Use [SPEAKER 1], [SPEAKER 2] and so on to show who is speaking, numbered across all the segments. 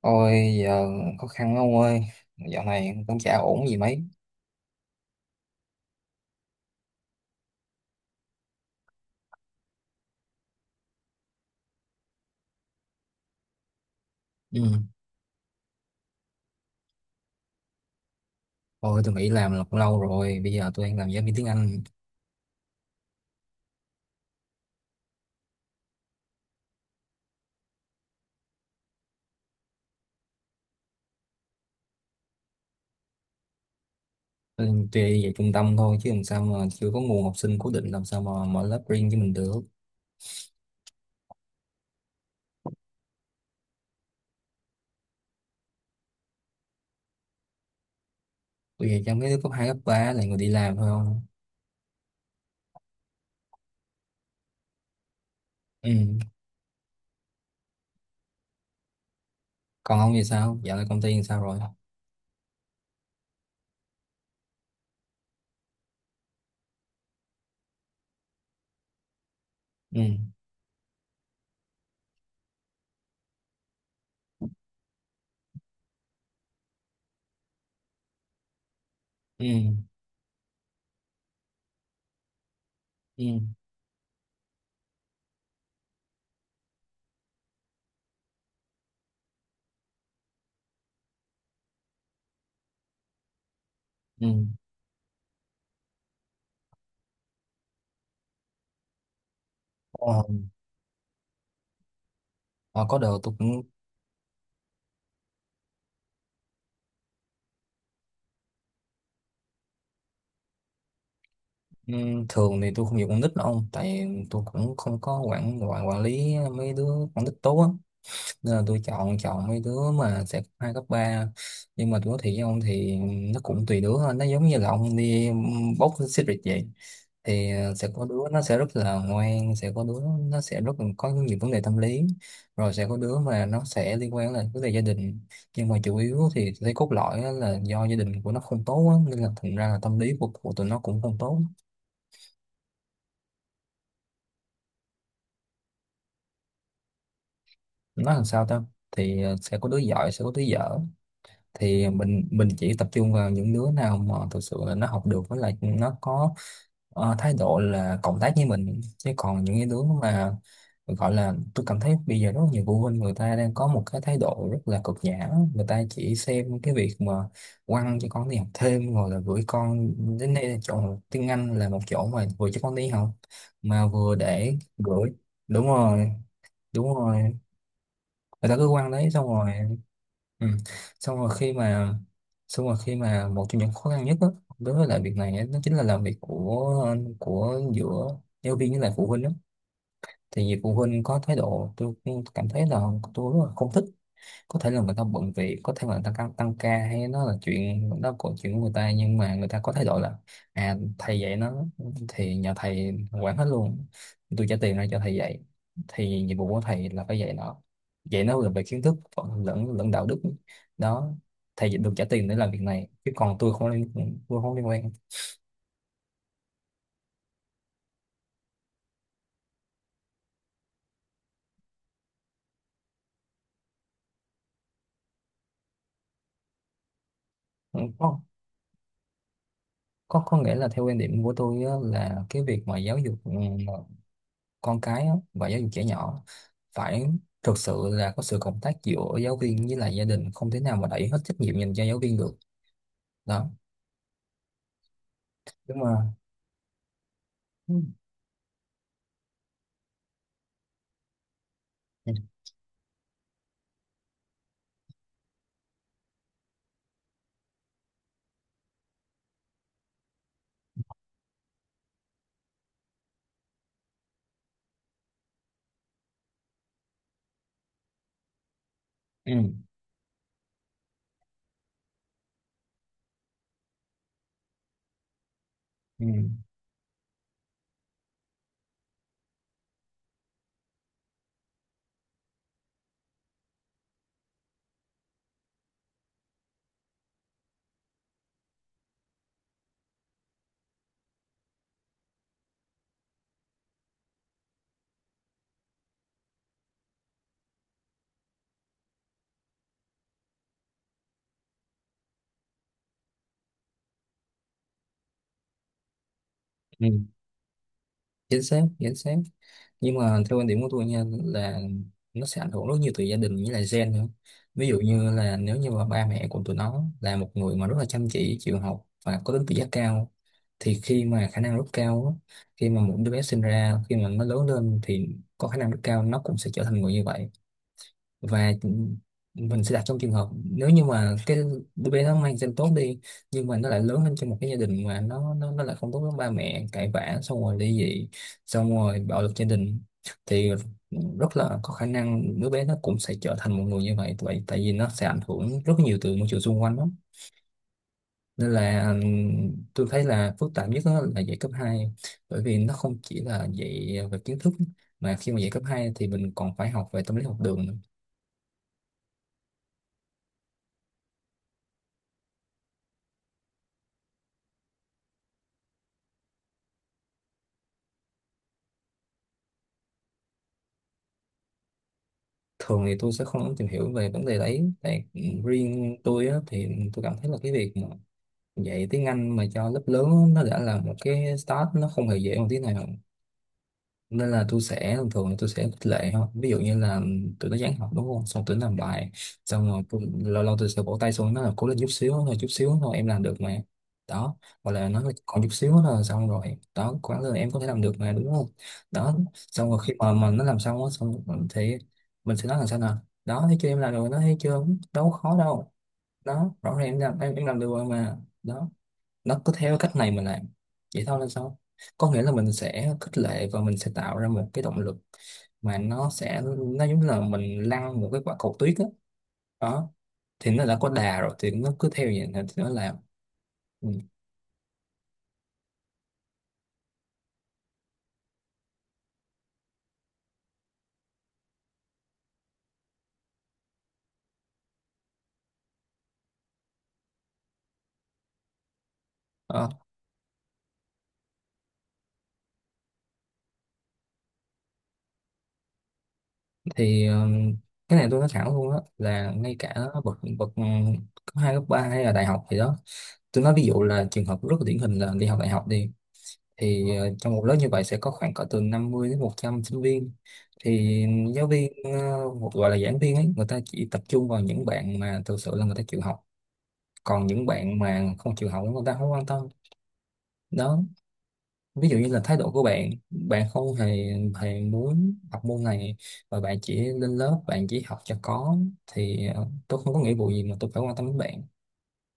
[SPEAKER 1] Ôi giờ, khó khăn lắm ông ơi. Dạo này cũng chả ổn gì mấy. Ừ. Ôi, tôi nghỉ làm là cũng lâu rồi. Bây giờ tôi đang làm giáo viên tiếng Anh. Tuy về trung tâm thôi chứ làm sao mà chưa có nguồn học sinh cố định. Làm sao mà mở lớp riêng cho mình được? Tôi về trong mấy đứa cấp 2 cấp ba, là người đi làm thôi không. Ừ. Còn ông thì sao? Dạo này công ty thì sao rồi? Ừ. Ừ. Ừ. Ừ. Ờ, ờ, có đợt tôi cũng. Ừ, thường thì tôi không dùng con nít đâu ông, tại tôi cũng không có quản quản quản lý mấy đứa con nít tốt á, nên là tôi chọn chọn mấy đứa mà sẽ cấp hai cấp ba. Nhưng mà tôi nói thiệt với ông thì nó cũng tùy đứa thôi, nó giống như là ông đi bốc xích vậy. Thì ờ, sẽ có đứa nó sẽ rất là ngoan, sẽ có đứa nó sẽ rất là có nhiều vấn đề tâm lý. Rồi sẽ có đứa mà nó sẽ liên quan là vấn đề gia đình. Nhưng mà chủ yếu thì tôi thấy cốt lõi á là do gia đình của nó không tốt á, nên là thành ra là tâm lý của tụi nó cũng không tốt. Nó làm sao ta? Thì ờ, sẽ có đứa giỏi, sẽ có đứa dở. Thì mình chỉ tập trung vào những đứa nào mà thực sự là nó học được với lại nó có ờ, thái độ là cộng tác với mình, chứ còn những cái đứa mà gọi là. Tôi cảm thấy bây giờ rất nhiều phụ huynh người ta đang có một cái thái độ rất là cực nhã, người ta chỉ xem cái việc mà quăng cho con đi học thêm rồi là gửi con đến đây, là chỗ tiếng Anh là một chỗ mà vừa cho con đi học mà vừa để gửi. Đúng rồi. Đúng rồi. Người ta cứ quăng đấy xong rồi. Ừ. Xong rồi khi mà xong rồi khi mà một trong những khó khăn nhất đó, đối với lại việc này á, đó chính là làm việc của giữa giáo viên với lại phụ huynh đó. Thì vì phụ huynh có thái độ, tôi cảm thấy là tôi rất là không thích. Có thể là người ta bận việc, có thể là người ta tăng ca, hay nó là chuyện đó của chuyện của người ta, nhưng mà người ta có thái độ là à, thầy dạy nó thì nhà thầy quản hết luôn. Tôi trả tiền ra cho thầy dạy thì nhiệm vụ của thầy là phải dạy nó. Dạy nó là về kiến thức còn lẫn lẫn đạo đức. Đó. Thầy được trả tiền để làm việc này chứ còn tôi không liên quan. Ừ, có. Có nghĩa là theo quan điểm của tôi á, là cái việc mà giáo dục con cái á, và giáo dục trẻ nhỏ phải thực sự là có sự cộng tác giữa giáo viên với lại gia đình, không thể nào mà đẩy hết trách nhiệm dành cho giáo viên được. Đó, đúng không? Ừ. Ừ. Ừ. Ừ. Chính xác, chính xác. Nhưng mà theo quan điểm của tôi nha, là nó sẽ ảnh hưởng rất nhiều từ gia đình với lại gen nữa. Ví dụ như là nếu như mà ba mẹ của tụi nó là một người mà rất là chăm chỉ, chịu học và có tính tự giác cao, thì khi mà khả năng rất cao á, khi mà một đứa bé sinh ra, khi mà nó lớn lên thì có khả năng rất cao nó cũng sẽ trở thành người như vậy. Và mình sẽ đặt trong trường hợp nếu như mà cái đứa bé nó mang gen tốt đi, nhưng mà nó lại lớn lên trong một cái gia đình mà nó lại không tốt, với ba mẹ cãi vã xong rồi ly dị, xong rồi bạo lực gia đình, thì rất là có khả năng đứa bé nó cũng sẽ trở thành một người như vậy. Vậy tại vì nó sẽ ảnh hưởng rất nhiều từ môi trường xung quanh lắm. Nên là tôi thấy là phức tạp nhất đó là dạy cấp hai, bởi vì nó không chỉ là dạy về kiến thức, mà khi mà dạy cấp 2 thì mình còn phải học về tâm lý học đường nữa. Thường thì tôi sẽ không lắm tìm hiểu về vấn đề đấy, tại riêng tôi á, thì tôi cảm thấy là cái việc mà dạy tiếng Anh mà cho lớp lớn á, nó đã là một cái start, nó không hề dễ một tí nào. Nên là tôi sẽ thường thường là tôi sẽ khích lệ thôi. Ví dụ như là tụi nó dán học đúng không, xong tụi nó làm bài xong rồi, lâu lâu tôi sẽ vỗ tay xuống nó là cố lên, chút xíu thôi, chút xíu thôi, em làm được mà. Đó, hoặc là nó còn chút xíu nữa là xong rồi, đó quán rồi, em có thể làm được mà, đúng không? Đó, xong rồi khi mà nó làm xong á, xong rồi thì mình sẽ nói là sao nào. Đó, thấy chưa, em làm được rồi, nó thấy chưa, đâu có khó đâu. Đó, rõ ràng em làm được rồi mà. Đó, nó cứ theo cách này mình làm vậy thôi là sao. Có nghĩa là mình sẽ khích lệ và mình sẽ tạo ra một cái động lực, mà nó giống như là mình lăn một cái quả cầu tuyết á. Đó. Thì nó đã có đà rồi thì nó cứ theo vậy thì nó làm. Ừ. Ờ, thì cái này tôi nói thẳng luôn á, là ngay cả bậc bậc cấp hai cấp ba hay là đại học thì đó, tôi nói ví dụ là trường hợp rất là điển hình là đi học đại học đi, thì ờ, trong một lớp như vậy sẽ có khoảng cỡ từ 50 đến 100 sinh viên. Thì giáo viên ờ, một gọi là giảng viên ấy, người ta chỉ tập trung vào những bạn mà thực sự là người ta chịu học, còn những bạn mà không chịu học người ta không quan tâm. Đó. Ví dụ như là thái độ của bạn, bạn không hề hề muốn học môn này, và bạn chỉ lên lớp, bạn chỉ học cho có, thì ờ, tôi không có nghĩa vụ gì mà tôi phải quan tâm đến bạn.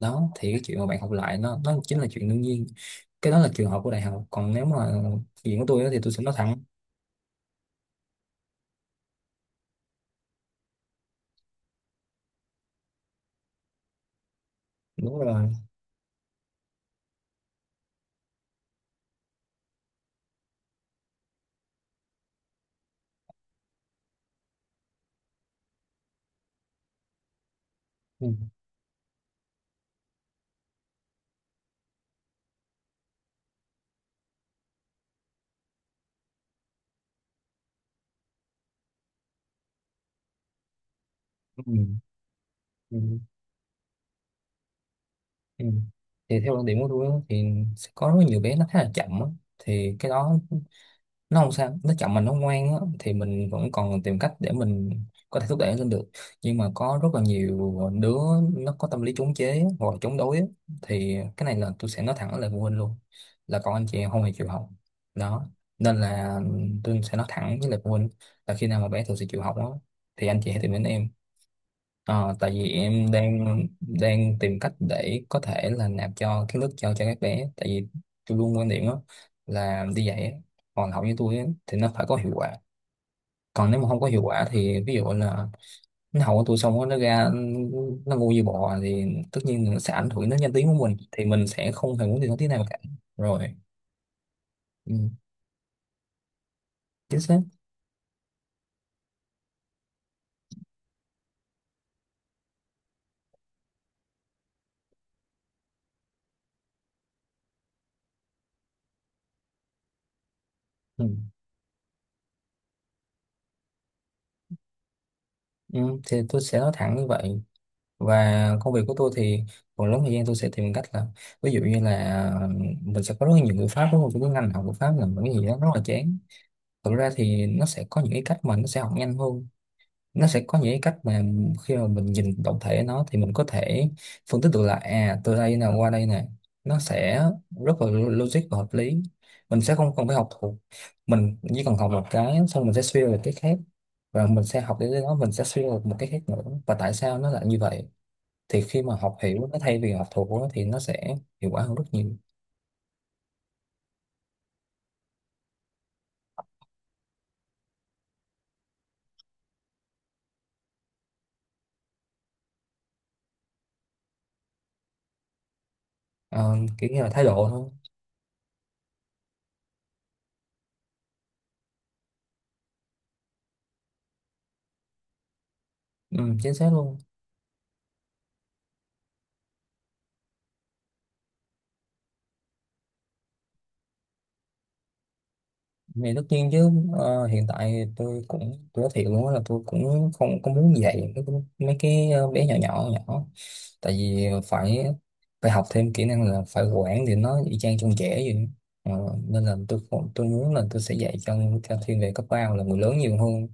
[SPEAKER 1] Đó, thì cái chuyện mà bạn học lại nó chính là chuyện đương nhiên. Cái đó là trường hợp của đại học, còn nếu mà chuyện của tôi á thì tôi sẽ nói thẳng. Đúng rồi. Ừ. Ừ. Ừ. Ừ. Thì theo quan điểm của tôi á, thì sẽ có rất nhiều bé nó khá là chậm á. Thì cái đó nó không sao, nó chậm mà nó ngoan á, thì mình vẫn còn tìm cách để mình có thể thúc đẩy nó lên được. Nhưng mà có rất là nhiều đứa nó có tâm lý chống chế hoặc là chống đối á, thì cái này là tôi sẽ nói thẳng lời phụ huynh luôn, là con anh chị em không hề chịu học. Đó, nên là tôi sẽ nói thẳng với lại phụ huynh là khi nào mà bé thực sự chịu học á, thì anh chị hãy tìm đến em. Ờ, tại vì em đang đang tìm cách để có thể là nạp cho cái lớp, cho các bé, tại vì tôi luôn quan điểm đó là đi dạy á, còn học với tôi á, thì nó phải có hiệu quả. Còn nếu mà không có hiệu quả thì ví dụ là nó học của tôi xong rồi nó ra nó ngu như bò, thì tất nhiên là sẽ ảnh hưởng đến danh tiếng của mình, thì mình sẽ không hề muốn điều đó tí nào cả. Rồi. Ừ, chính xác. Ừ. Ừ, thì tôi sẽ nói thẳng như vậy, và công việc của tôi thì phần lớn thời gian tôi sẽ tìm cách là ví dụ như là ờ, mình sẽ có rất là nhiều ngữ pháp, đúng không? Cái ngành học ngữ pháp là một cái gì đó rất là chán. Thực ra thì nó sẽ có những cái cách mà nó sẽ học nhanh hơn. Nó sẽ có những cái cách mà khi mà mình nhìn tổng thể nó thì mình có thể phân tích được là à, từ đây nè qua đây nè, nó sẽ rất là logic và hợp lý. Mình sẽ không cần phải học thuộc. Mình chỉ cần học một cái xong mình sẽ suy ra được cái khác, và mình sẽ học đến đó mình sẽ suy ra được một cái khác nữa, và tại sao nó lại như vậy. Thì khi mà học hiểu nó thay vì học thuộc á, thì nó sẽ hiệu quả hơn rất nhiều. Ờ, kiểu như là thái độ thôi. Ừ, chính xác luôn. Thì tất nhiên chứ. Ờ, hiện tại tôi nói thiệt luôn á, là tôi cũng không có muốn dạy mấy cái, mấy cái bé nhỏ nhỏ nhỏ, tại vì phải phải học thêm kỹ năng là phải quản thì nó y chang trong trẻ vậy. Ờ, nên là tôi không- tôi muốn là tôi sẽ dạy cho thiên về cấp ba hoặc là người lớn nhiều hơn.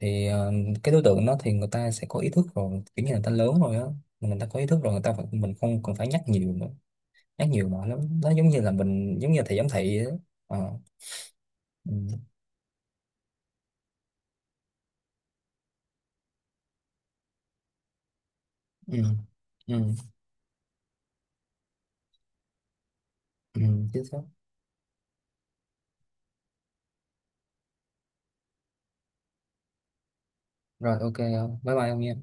[SPEAKER 1] Thì ờ, cái đối tượng đó thì người ta sẽ có ý thức rồi, kiểu như là người ta lớn rồi á, mà người ta có ý thức rồi, mình không cần phải nhắc nhiều nữa. Nhắc nhiều mỏi lắm, nó giống như là mình giống như là thầy giám thị á. Ờ. Ừ. Ừ. Ừ. Ừ. Chính xác. Rồi, OK không, bye bye ông nha.